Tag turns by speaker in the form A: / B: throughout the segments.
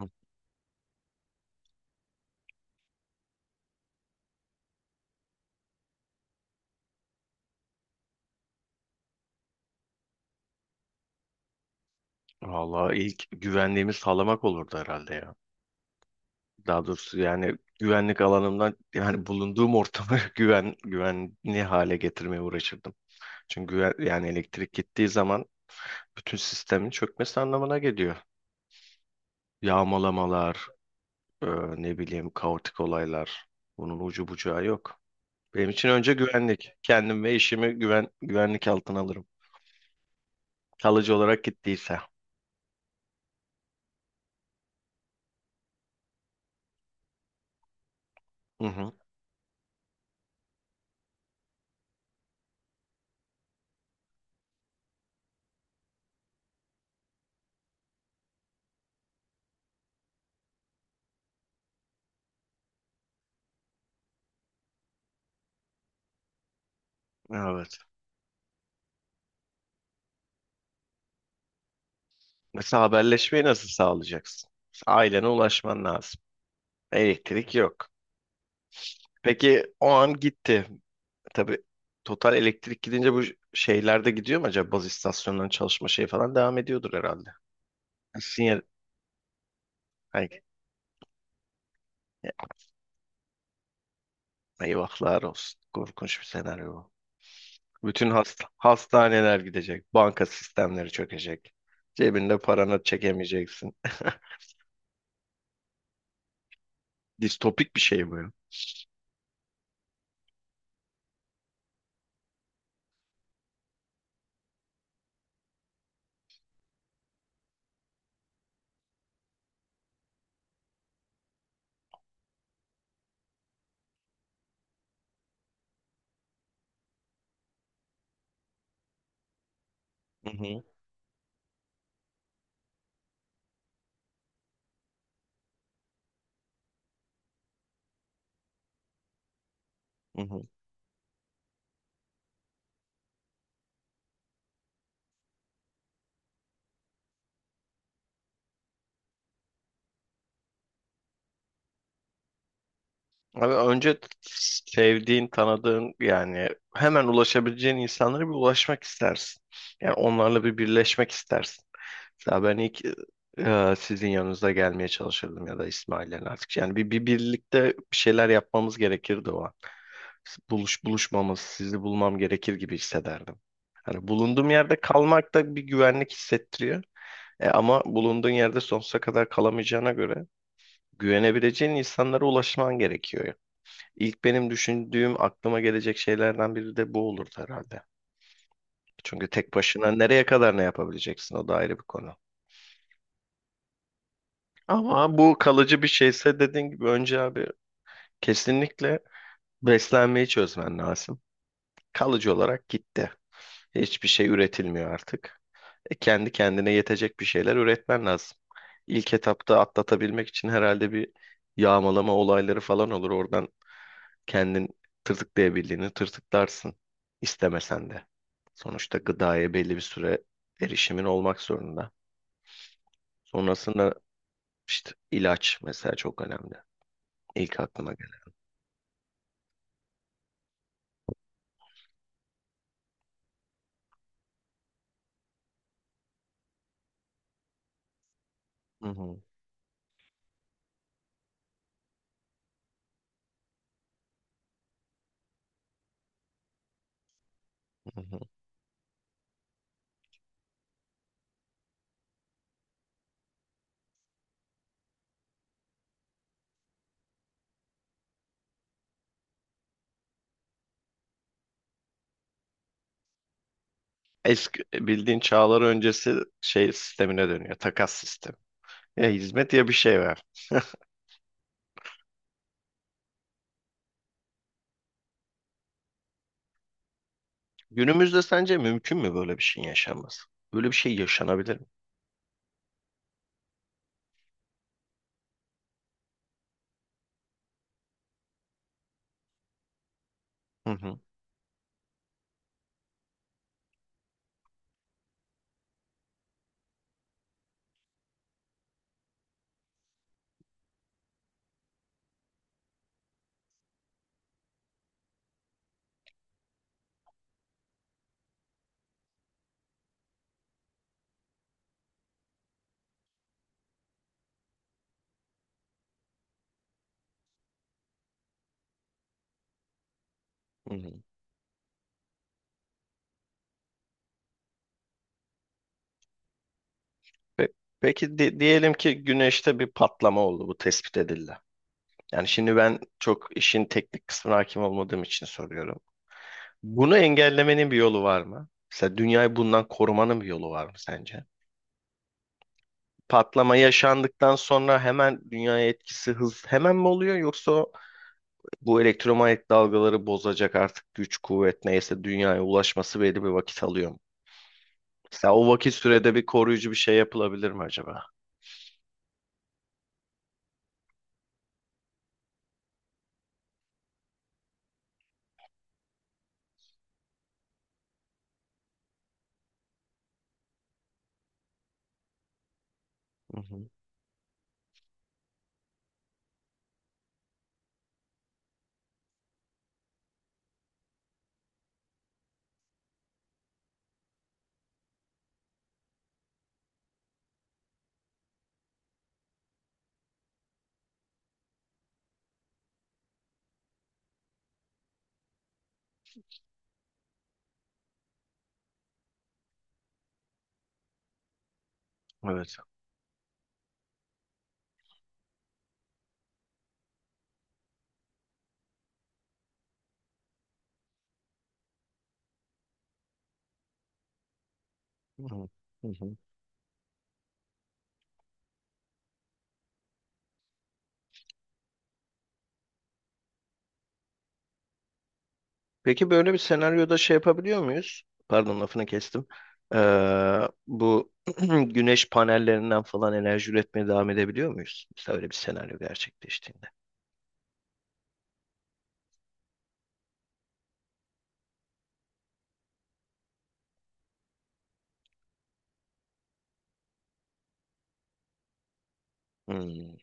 A: Hı. Vallahi ilk güvenliğimi sağlamak olurdu herhalde ya. Daha doğrusu yani güvenlik alanımdan yani bulunduğum ortamı güvenli hale getirmeye uğraşırdım. Çünkü güven, yani elektrik gittiği zaman bütün sistemin çökmesi anlamına geliyor. Yağmalamalar, e, ne bileyim kaotik olaylar. Bunun ucu bucağı yok. Benim için önce güvenlik. Kendim ve işimi güvenlik altına alırım. Kalıcı olarak gittiyse. Hı hı. Evet. Mesela haberleşmeyi nasıl sağlayacaksın? Mesela ailene ulaşman lazım. Elektrik yok. Peki o an gitti. Tabii total elektrik gidince bu şeyler de gidiyor mu acaba? Baz istasyonlarının çalışma şeyi falan devam ediyordur herhalde. Sinyal, ay, eyvahlar olsun. Korkunç bir senaryo bu. Bütün hasta, hastaneler gidecek. Banka sistemleri çökecek. Cebinde paranı çekemeyeceksin. Distopik bir şey bu ya. Hı hı, hı hı. Abi önce sevdiğin, tanıdığın yani hemen ulaşabileceğin insanlara bir ulaşmak istersin. Yani onlarla bir birleşmek istersin. Mesela ben ilk sizin yanınıza gelmeye çalışırdım ya da İsmail'le artık. Yani bir birlikte bir şeyler yapmamız gerekirdi o an. Buluşmamız, sizi bulmam gerekir gibi hissederdim. Hani bulunduğum yerde kalmak da bir güvenlik hissettiriyor. Ama bulunduğun yerde sonsuza kadar kalamayacağına göre güvenebileceğin insanlara ulaşman gerekiyor. İlk benim düşündüğüm aklıma gelecek şeylerden biri de bu olurdu herhalde. Çünkü tek başına nereye kadar ne yapabileceksin o da ayrı bir konu. Ama bu kalıcı bir şeyse dediğin gibi önce abi kesinlikle beslenmeyi çözmen lazım. Kalıcı olarak gitti. Hiçbir şey üretilmiyor artık. Kendi kendine yetecek bir şeyler üretmen lazım. İlk etapta atlatabilmek için herhalde bir yağmalama olayları falan olur. Oradan kendin tırtıklayabildiğini tırtıklarsın istemesen de. Sonuçta gıdaya belli bir süre erişimin olmak zorunda. Sonrasında işte ilaç mesela çok önemli. İlk aklıma gelen. Hı hı, hı hı. Eski bildiğin çağlar öncesi şey sistemine dönüyor. Takas sistemi. Ya hizmet ya bir şey ver. Günümüzde sence mümkün mü böyle bir şeyin yaşanması? Böyle bir şey yaşanabilir mi? Hı hı, hı hı. Pe- Peki diyelim ki güneşte bir patlama oldu. Bu tespit edildi. Yani şimdi ben çok işin teknik kısmına hakim olmadığım için soruyorum. Bunu engellemenin bir yolu var mı? Mesela dünyayı bundan korumanın bir yolu var mı sence? Patlama yaşandıktan sonra hemen dünyaya etkisi hemen mi oluyor yoksa bu elektromanyetik dalgaları bozacak artık güç kuvvet neyse dünyaya ulaşması belli bir vakit alıyor mu? Mesela o vakit sürede bir koruyucu bir şey yapılabilir mi acaba? Hı hı. Evet. Hı hı. Hı hı. Peki böyle bir senaryoda şey yapabiliyor muyuz? Pardon lafını kestim. Ee, bu güneş panellerinden falan enerji üretmeye devam edebiliyor muyuz? Mesela öyle bir senaryo gerçekleştiğinde. Hmm.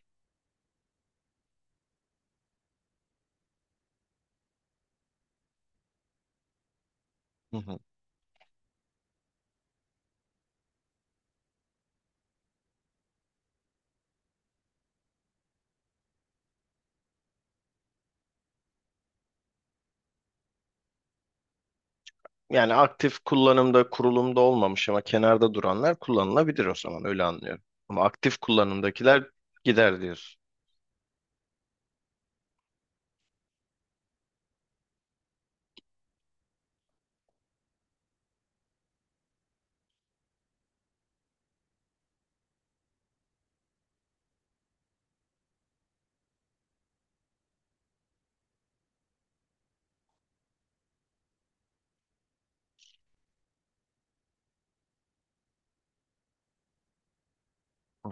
A: Hı hı. Yani aktif kullanımda kurulumda olmamış ama kenarda duranlar kullanılabilir o zaman öyle anlıyorum. Ama aktif kullanımdakiler gider diyorsun.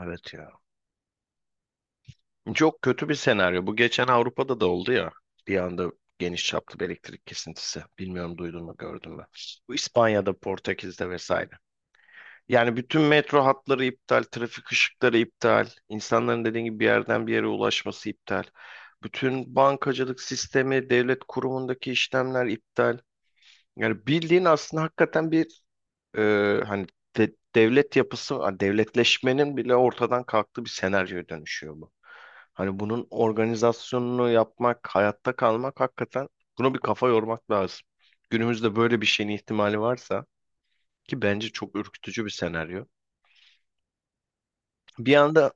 A: Evet ya. Çok kötü bir senaryo. Bu geçen Avrupa'da da oldu ya. Bir anda geniş çaplı bir elektrik kesintisi. Bilmiyorum duydun mu gördün mü? Bu İspanya'da, Portekiz'de vesaire. Yani bütün metro hatları iptal, trafik ışıkları iptal, insanların dediğin gibi bir yerden bir yere ulaşması iptal. Bütün bankacılık sistemi, devlet kurumundaki işlemler iptal. Yani bildiğin aslında hakikaten bir hani devlet yapısı, hani devletleşmenin bile ortadan kalktığı bir senaryoya dönüşüyor bu. Hani bunun organizasyonunu yapmak, hayatta kalmak hakikaten buna bir kafa yormak lazım. Günümüzde böyle bir şeyin ihtimali varsa ki bence çok ürkütücü bir senaryo. Bir anda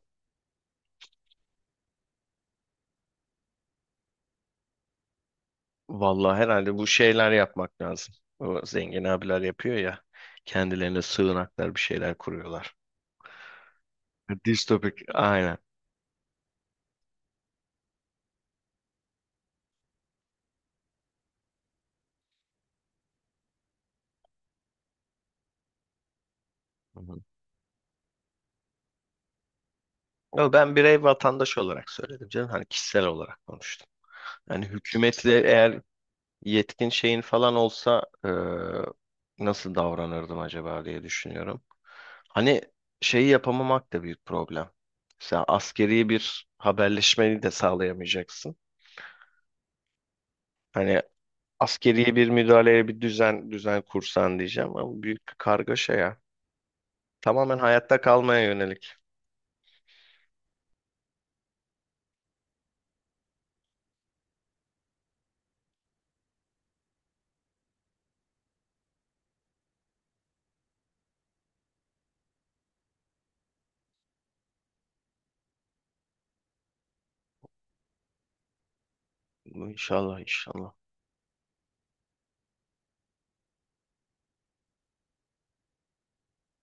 A: vallahi herhalde bu şeyler yapmak lazım. O zengin abiler yapıyor ya kendilerine sığınaklar bir şeyler kuruyorlar. Distopik aynen. Hı hı. Ama ben birey vatandaş olarak söyledim canım. Hani kişisel olarak konuştum. Yani hükümetle eğer yetkin şeyin falan olsa nasıl davranırdım acaba diye düşünüyorum. Hani şeyi yapamamak da büyük problem. Mesela askeri bir haberleşmeyi de sağlayamayacaksın. Hani askeri bir müdahaleye bir düzen kursan diyeceğim ama büyük bir kargaşa ya. Tamamen hayatta kalmaya yönelik. İnşallah inşallah.